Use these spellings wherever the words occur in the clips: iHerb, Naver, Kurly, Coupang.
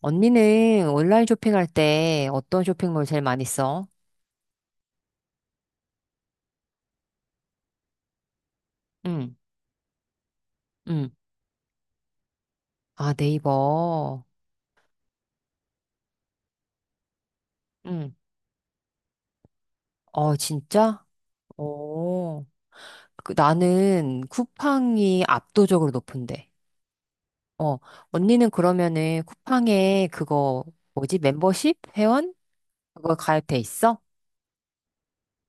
언니는 온라인 쇼핑할 때 어떤 쇼핑몰 제일 많이 써? 응, 응. 아, 네이버. 응. 어, 진짜? 오. 나는 쿠팡이 압도적으로 높은데. 어, 언니는 그러면은 쿠팡에 그거, 뭐지? 멤버십? 회원? 그거 가입돼 있어?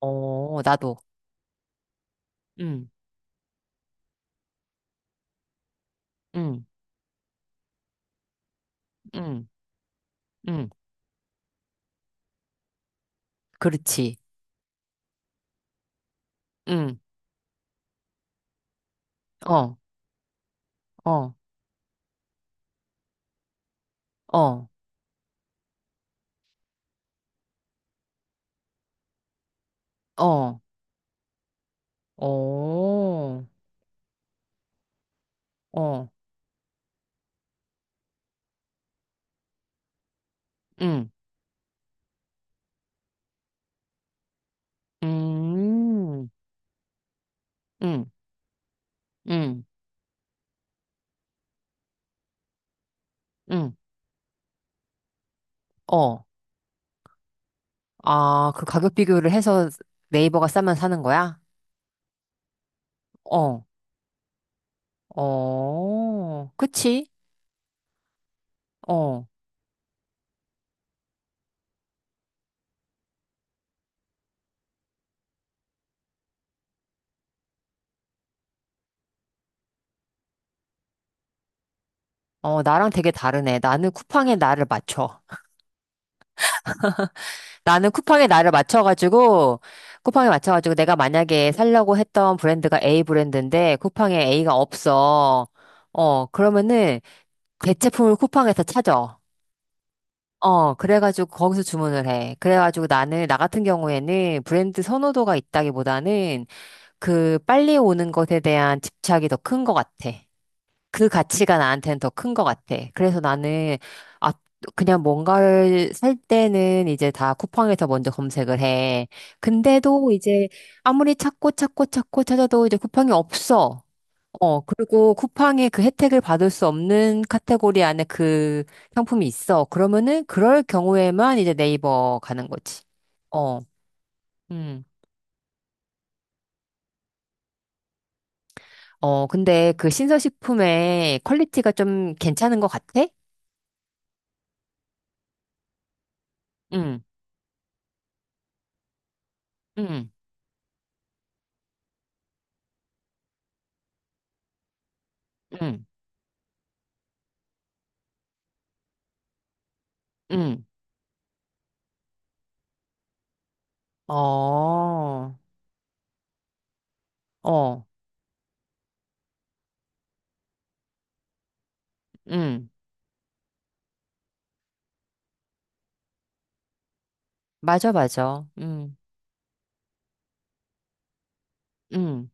어, 나도. 응, 응, 응, 응. 그렇지. 응, 어, 어, 어, 어, 어, 어, 응. 음, 음, 음, 음, 어. 아, 그 가격 비교를 해서 네이버가 싸면 사는 거야? 어, 어, 그치? 어, 어, 나랑 되게 다르네. 나는 쿠팡에 나를 맞춰. 나는 쿠팡에 나를 맞춰가지고, 쿠팡에 맞춰가지고 내가 만약에 살려고 했던 브랜드가 A 브랜드인데, 쿠팡에 A가 없어. 어, 그러면은 대체품을 쿠팡에서 찾아. 어, 그래가지고 거기서 주문을 해. 그래가지고 나는, 나 같은 경우에는 브랜드 선호도가 있다기보다는 그 빨리 오는 것에 대한 집착이 더 큰 것 같아. 그 가치가 나한테는 더 큰 것 같아. 그래서 나는, 아, 그냥 뭔가를 살 때는 이제 다 쿠팡에서 먼저 검색을 해. 근데도 이제 아무리 찾고 찾고 찾고 찾아도 이제 쿠팡이 없어. 그리고 쿠팡의 그 혜택을 받을 수 없는 카테고리 안에 그 상품이 있어. 그러면은 그럴 경우에만 이제 네이버 가는 거지. 어, 음. 어, 근데 그 신서식품의 퀄리티가 좀 괜찮은 것 같아? 응, 응, 응, 응. 어, 어, 응. 맞아, 맞아. 응, 응.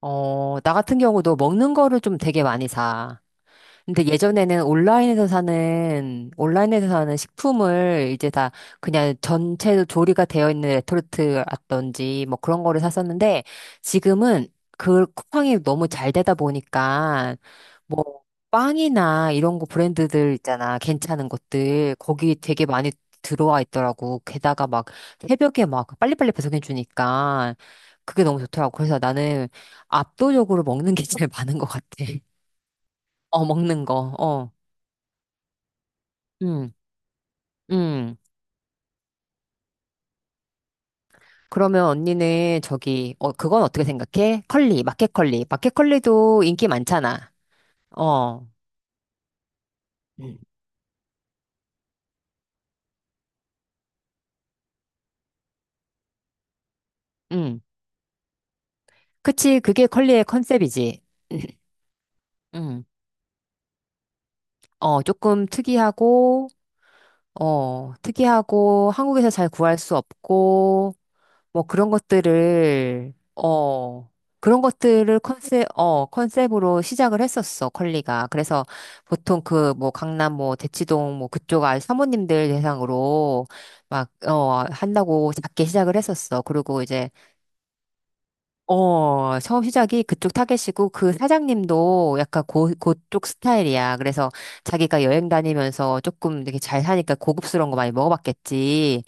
어, 나 같은 경우도 먹는 거를 좀 되게 많이 사. 근데 예전에는 온라인에서 사는, 온라인에서 사는 식품을 이제 다 그냥 전체 조리가 되어 있는 레토르트라든지 뭐 그런 거를 샀었는데 지금은 그 쿠팡이 너무 잘 되다 보니까 뭐 빵이나 이런 거 브랜드들 있잖아. 괜찮은 것들. 거기 되게 많이 들어와 있더라고. 게다가 막 새벽에 막 빨리빨리 배송해 주니까 그게 너무 좋더라고. 그래서 나는 압도적으로 먹는 게 제일 많은 것 같아. 어, 먹는 거. 어. 음, 음. 그러면 언니는 저기, 어, 그건 어떻게 생각해? 컬리, 마켓 컬리. 마켓 컬리도 인기 많잖아. 어, 음. 음. 그치, 그게 컬리의 컨셉이지. 음. 어, 조금 특이하고, 어, 특이하고, 한국에서 잘 구할 수 없고, 뭐 그런 것들을, 어, 그런 것들을 컨셉, 어, 컨셉으로 시작을 했었어, 컬리가. 그래서 보통 그 뭐 강남 뭐 대치동 뭐 그쪽 아 사모님들 대상으로 막, 어, 한다고 작게 시작을 했었어. 그리고 이제, 어, 처음 시작이 그쪽 타겟이고 그 사장님도 약간 고, 그쪽 스타일이야. 그래서 자기가 여행 다니면서 조금 되게 잘 사니까 고급스러운 거 많이 먹어봤겠지.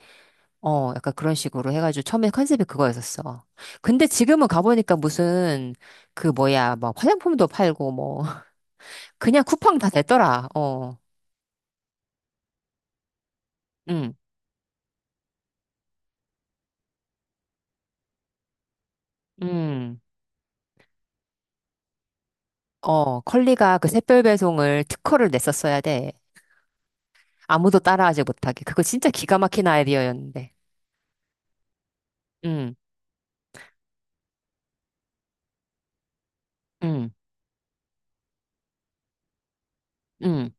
어, 약간 그런 식으로 해가지고 처음에 컨셉이 그거였었어. 근데 지금은 가보니까 무슨 그 뭐야, 뭐 화장품도 팔고 뭐 그냥 쿠팡 다 됐더라. 어, 응, 응. 컬리가 그 샛별 배송을 특허를 냈었어야 돼. 아무도 따라하지 못하게. 그거 진짜 기가 막힌 아이디어였는데. 응, 응, 응.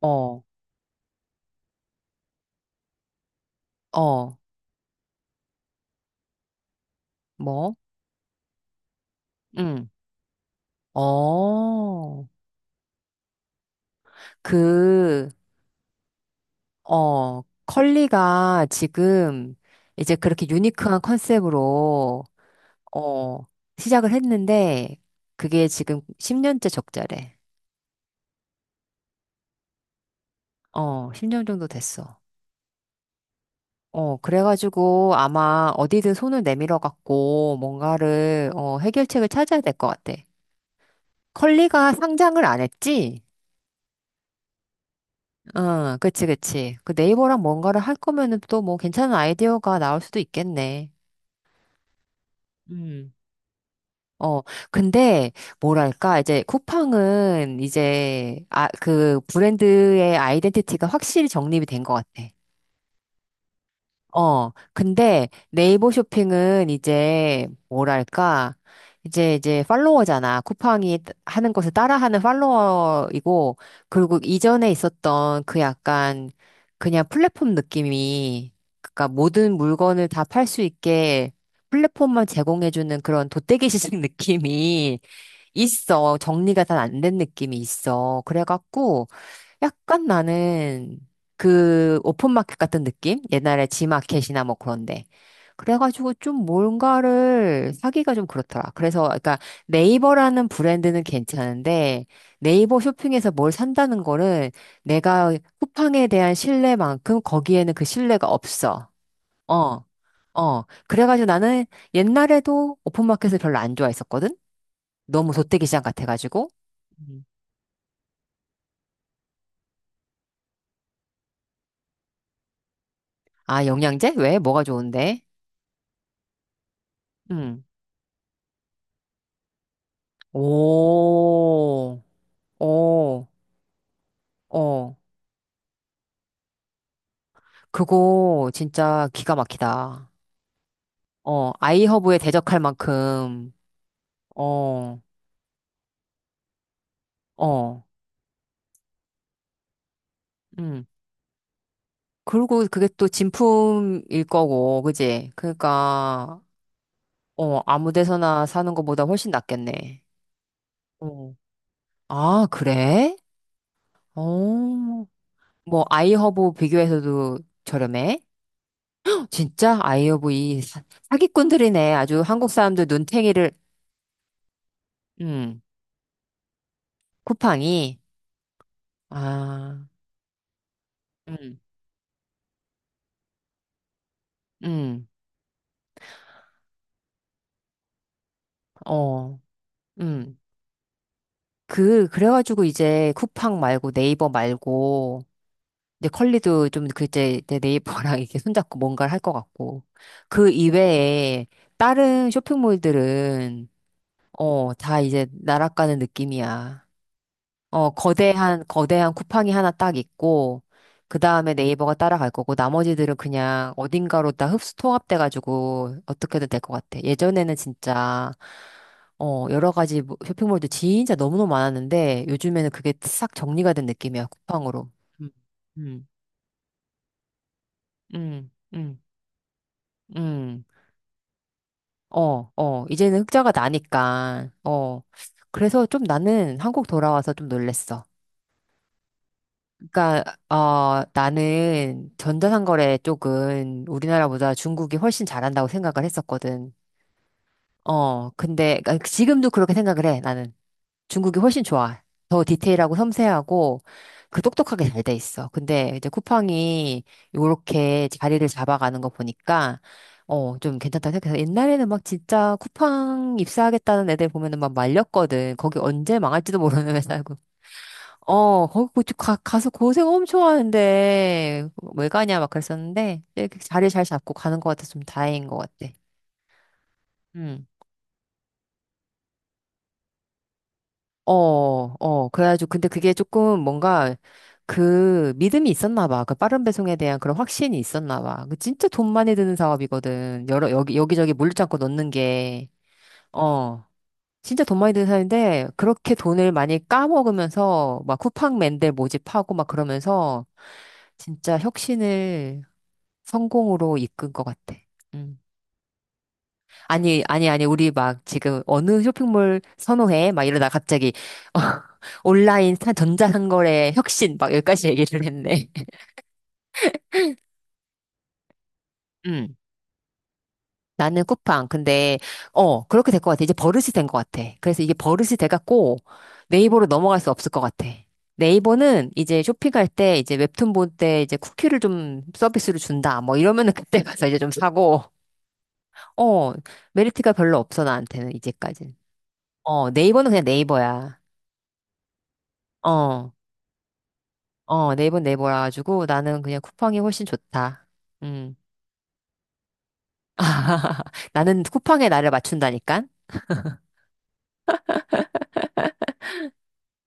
어, 어, 뭐? 응. 어. 그 컬리가 지금 이제 그렇게 유니크한 컨셉으로, 어, 시작을 했는데, 그게 지금 10년째 적자래. 어, 10년 정도 됐어. 그래가지고 아마 어디든 손을 내밀어 갖고 뭔가를, 어, 해결책을 찾아야 될 것 같아. 컬리가 상장을 안 했지? 응, 그치, 그치. 그 네이버랑 뭔가를 할 거면은 또 뭐 괜찮은 아이디어가 나올 수도 있겠네. 음. 어, 근데, 뭐랄까, 이제 쿠팡은 이제, 아, 그 브랜드의 아이덴티티가 확실히 정립이 된 것 같아. 근데 네이버 쇼핑은 이제, 뭐랄까, 이제, 이제 팔로워잖아. 쿠팡이 하는 것을 따라하는 팔로워이고, 그리고 이전에 있었던 그 약간, 그냥 플랫폼 느낌이, 그니까 모든 물건을 다 팔 수 있게 플랫폼만 제공해주는 그런 돗대기 시장 느낌이, 있어. 정리가 잘 안 된 느낌이 있어. 그래갖고, 약간 나는 그 오픈마켓 같은 느낌? 옛날에 지마켓이나 뭐 그런데. 그래가지고 좀 뭔가를 사기가 좀 그렇더라. 그래서, 그러니까 네이버라는 브랜드는 괜찮은데, 네이버 쇼핑에서 뭘 산다는 거는 내가 쿠팡에 대한 신뢰만큼 거기에는 그 신뢰가 없어. 어. 어. 그래가지고 나는 옛날에도 오픈마켓을 별로 안 좋아했었거든? 너무 돗대기 시장 같아가지고. 음. 아, 영양제? 왜? 뭐가 좋은데? 음. 오, 오, 어. 그거 진짜 기가 막히다. 아이허브에 대적할 만큼, 어, 어, 음. 그리고 그게 또 진품일 거고, 그지? 그러니까, 아무 데서나 사는 것보다 훨씬 낫겠네. 어. 아, 그래? 어. 뭐, 아이허브 비교해서도 저렴해? 진짜? 아이오브 이 사기꾼들이네. 아주 한국 사람들 눈탱이를, 음, 쿠팡이. 아, 음, 음, 어, 음. 그, 그래가지고 이제 쿠팡 말고 네이버 말고, 이제 컬리도 좀 그제 내 네이버랑 이렇게 손잡고 뭔가를 할 것 같고. 그 이외에 다른 쇼핑몰들은, 다 이제 날아가는 느낌이야. 거대한, 거대한 쿠팡이 하나 딱 있고, 그 다음에 네이버가 따라갈 거고, 나머지들은 그냥 어딘가로 다 흡수 통합돼가지고, 어떻게든 될 것 같아. 예전에는 진짜, 여러 가지 쇼핑몰도 진짜 너무너무 많았는데, 요즘에는 그게 싹 정리가 된 느낌이야, 쿠팡으로. 음, 음, 음, 음, 음. 이제는 흑자가 나니까, 어. 그래서 좀 나는 한국 돌아와서 좀 놀랬어. 그러니까 나는 전자상거래 쪽은 우리나라보다 중국이 훨씬 잘한다고 생각을 했었거든. 근데 그러니까 지금도 그렇게 생각을 해. 나는 중국이 훨씬 좋아. 더 디테일하고 섬세하고 그 똑똑하게 잘 돼 있어. 근데 이제 쿠팡이 요렇게 자리를 잡아가는 거 보니까 좀 괜찮다고 생각해서 옛날에는 막 진짜 쿠팡 입사하겠다는 애들 보면은 막 말렸거든. 거기 언제 망할지도 모르는 회사고 거기 가서 고생 엄청 하는데, 왜 가냐, 막 그랬었는데, 이렇게 자리 잘 잡고 가는 것 같아서 좀 다행인 것 같아. 응. 어, 어, 그래가지고, 근데 그게 조금 뭔가, 그, 믿음이 있었나 봐. 그 빠른 배송에 대한 그런 확신이 있었나 봐. 그 진짜 돈 많이 드는 사업이거든. 여기저기 물류창고 넣는 게. 어. 진짜 돈 많이 드는 사업인데, 그렇게 돈을 많이 까먹으면서, 막 쿠팡맨들 모집하고 막 그러면서, 진짜 혁신을 성공으로 이끈 것 같아. 음. 아니, 아니, 아니, 우리 막 지금 어느 쇼핑몰 선호해? 막 이러다 갑자기 어, 온라인 전자상거래 혁신 막 여기까지 얘기를 했네. 음. 나는 쿠팡. 근데, 그렇게 될 것 같아. 이제 버릇이 된 것 같아. 그래서 이게 버릇이 돼갖고 네이버로 넘어갈 수 없을 것 같아. 네이버는 이제 쇼핑할 때 이제 웹툰 볼 때 이제 쿠키를 좀 서비스로 준다. 뭐 이러면은 그때 가서 이제 좀 사고. 어, 메리트가 별로 없어, 나한테는 이제까지. 네이버는 그냥 네이버야. 어, 네이버는 네이버라 가지고 나는 그냥 쿠팡이 훨씬 좋다. 음. 나는 쿠팡에 나를 맞춘다니까?